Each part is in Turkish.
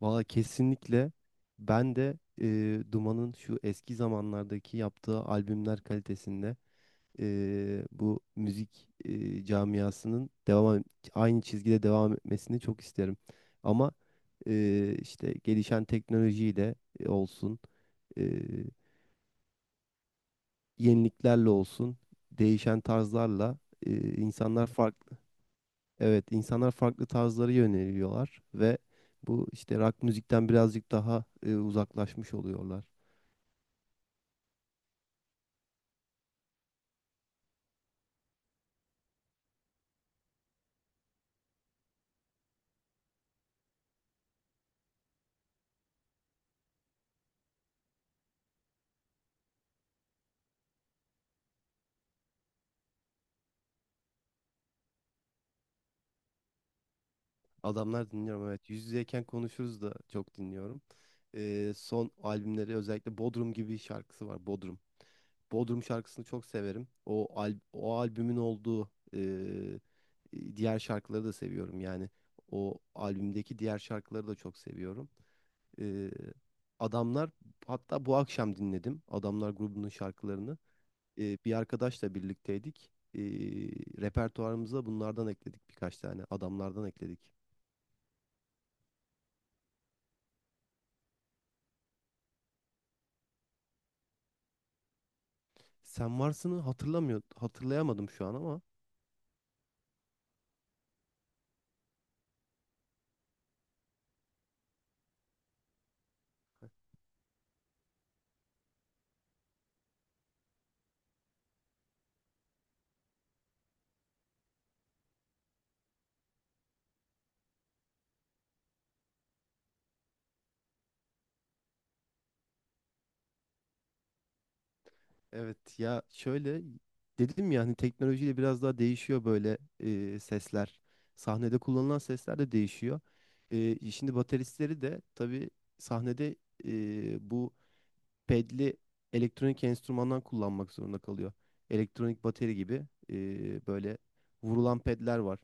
Valla kesinlikle ben de, Duman'ın şu eski zamanlardaki yaptığı albümler kalitesinde, bu müzik camiasının aynı çizgide devam etmesini çok isterim. Ama işte gelişen teknolojiyle olsun, yeniliklerle olsun, değişen tarzlarla insanlar farklı evet insanlar farklı tarzları yöneliyorlar ve bu işte rock müzikten birazcık daha uzaklaşmış oluyorlar. Adamlar dinliyorum, evet. Yüz yüzeyken konuşuruz da çok dinliyorum. Son albümleri özellikle Bodrum gibi şarkısı var. Bodrum. Bodrum şarkısını çok severim. O albümün olduğu diğer şarkıları da seviyorum. Yani o albümdeki diğer şarkıları da çok seviyorum. Ee, adamlar, hatta bu akşam dinledim adamlar grubunun şarkılarını. Bir arkadaşla birlikteydik. Repertuarımıza bunlardan ekledik, birkaç tane adamlardan ekledik. Sen varsını hatırlayamadım şu an ama evet, ya şöyle, dedim ya hani teknolojiyle biraz daha değişiyor böyle sesler. Sahnede kullanılan sesler de değişiyor. Şimdi bateristleri de tabii sahnede bu pedli elektronik enstrümandan kullanmak zorunda kalıyor. Elektronik bateri gibi böyle vurulan pedler var.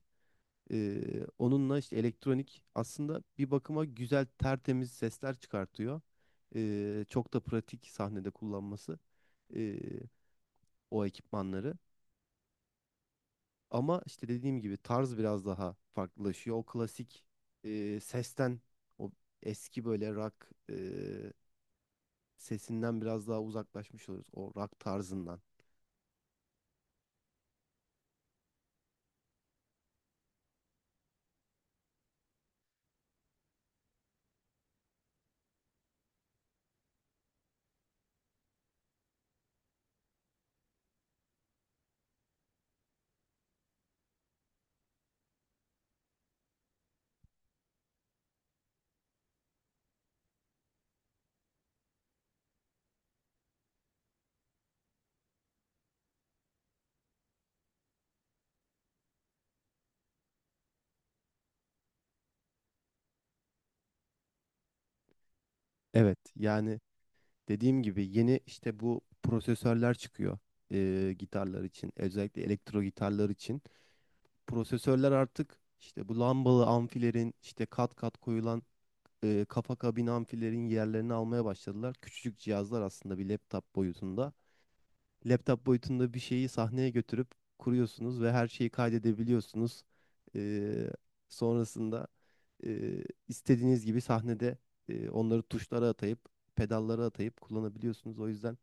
E, onunla işte elektronik aslında bir bakıma güzel tertemiz sesler çıkartıyor. Çok da pratik sahnede kullanması e, o ekipmanları. Ama işte dediğim gibi tarz biraz daha farklılaşıyor. O klasik sesten, o eski böyle rock sesinden biraz daha uzaklaşmış oluyoruz. O rock tarzından. Evet yani dediğim gibi yeni işte bu prosesörler çıkıyor, gitarlar için, özellikle elektro gitarlar için. Prosesörler artık işte bu lambalı amfilerin, işte kat kat koyulan kafa kabin amfilerin yerlerini almaya başladılar. Küçücük cihazlar aslında, bir laptop boyutunda, laptop boyutunda bir şeyi sahneye götürüp kuruyorsunuz ve her şeyi kaydedebiliyorsunuz. Ee, sonrasında istediğiniz gibi sahnede onları tuşlara atayıp, pedallara atayıp kullanabiliyorsunuz. O yüzden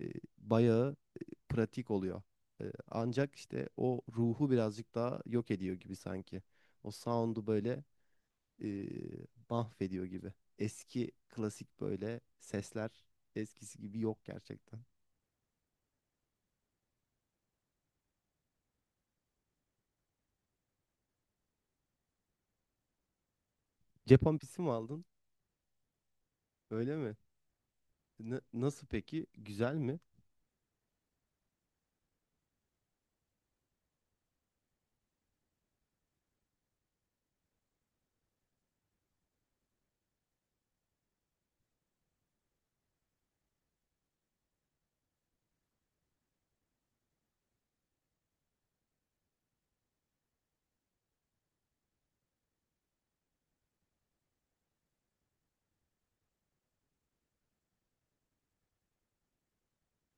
e, bayağı pratik oluyor. Ancak işte o ruhu birazcık daha yok ediyor gibi sanki. O sound'u böyle e, mahvediyor gibi. Eski klasik böyle seskler, eskisi gibi yok gerçekten. Cep ampisi mi aldın? Öyle mi? Nasıl peki? Güzel mi?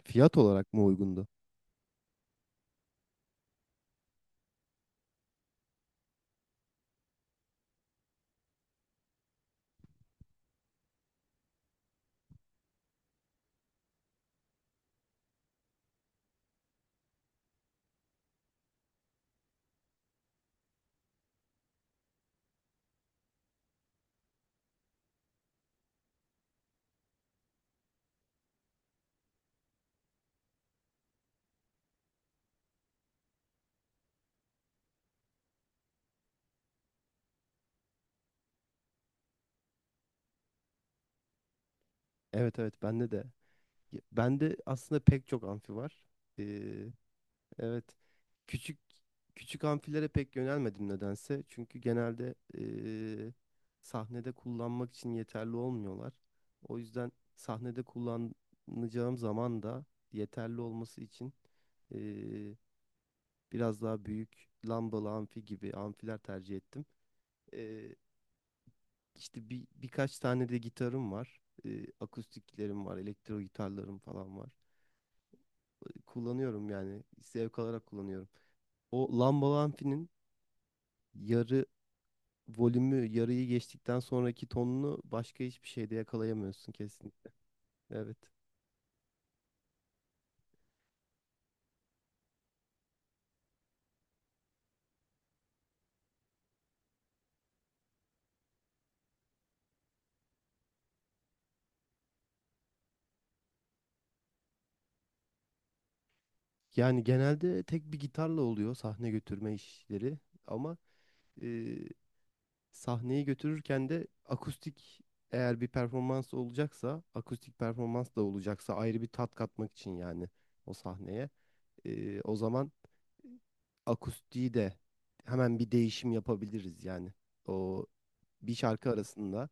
Fiyat olarak mı uygundu? Evet evet, bende de. Ya, bende aslında pek çok amfi var. Ee, evet. Küçük küçük amfilere pek yönelmedim nedense. Çünkü genelde sahnede kullanmak için yeterli olmuyorlar. O yüzden sahnede kullanacağım zaman da yeterli olması için ee, biraz daha büyük lambalı amfi gibi amfiler tercih ettim. Ee, İşte bir birkaç tane de gitarım var. Akustiklerim var, elektro gitarlarım falan var. Kullanıyorum, yani zevk alarak kullanıyorum. O Lamba Lampi'nin yarı volümü, yarıyı geçtikten sonraki tonunu başka hiçbir şeyde yakalayamıyorsun kesin. Evet. Yani genelde tek bir gitarla oluyor sahne götürme işleri, ama e, sahneyi götürürken de akustik, eğer bir performans olacaksa, akustik performans da olacaksa, ayrı bir tat katmak için yani o sahneye. O zaman akustiği de hemen bir değişim yapabiliriz yani. O bir şarkı arasında,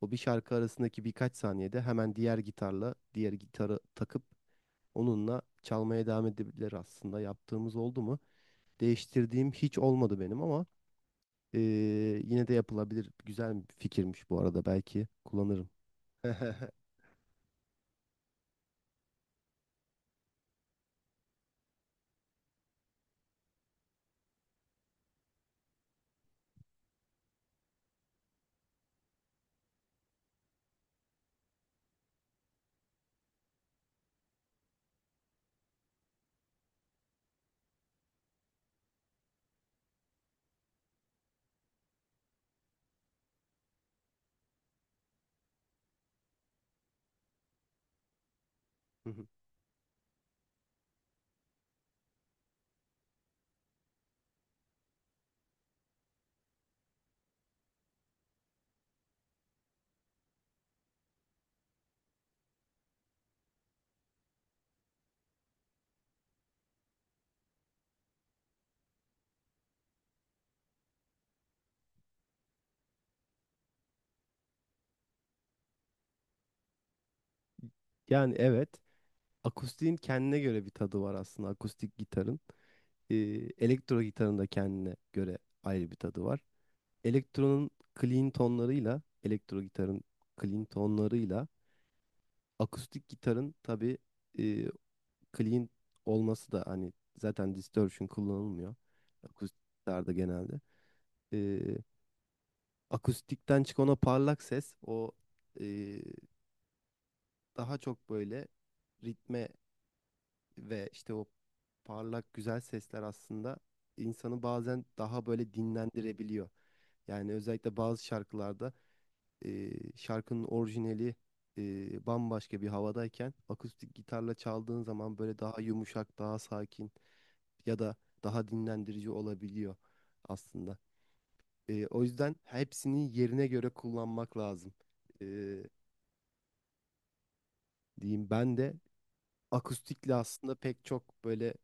o bir şarkı arasındaki birkaç saniyede, hemen diğer gitarla, diğer gitarı takıp onunla çalmaya devam edebilir aslında. Yaptığımız oldu mu? Değiştirdiğim hiç olmadı benim, ama eee, yine de yapılabilir. Güzel bir fikirmiş bu arada. Belki kullanırım. Yani evet, akustiğin kendine göre bir tadı var aslında, akustik gitarın. e, elektro gitarın da kendine göre ayrı bir tadı var. Elektronun clean tonlarıyla, elektro gitarın clean tonlarıyla, akustik gitarın tabii e, clean olması da, hani zaten distortion kullanılmıyor akustik gitarda genelde. E, akustikten çıkan o parlak ses, o e, daha çok böyle ritme ve işte o parlak güzel sesler aslında insanı bazen daha böyle dinlendirebiliyor. Yani özellikle bazı şarkılarda e, şarkının orijinali bambaşka bir havadayken, akustik gitarla çaldığın zaman böyle daha yumuşak, daha sakin ya da daha dinlendirici olabiliyor aslında. O yüzden hepsini yerine göre kullanmak lazım. E, diyeyim ben de akustikle aslında pek çok böyle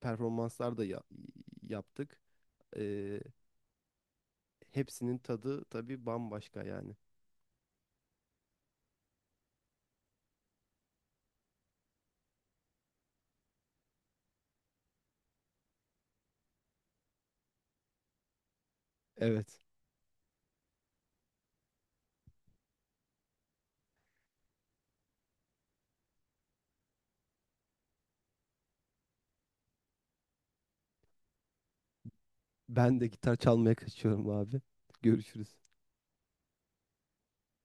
performanslar da yaptık. Ee, hepsinin tadı tabii bambaşka yani. Evet. Ben de gitar çalmaya kaçıyorum abi. Görüşürüz.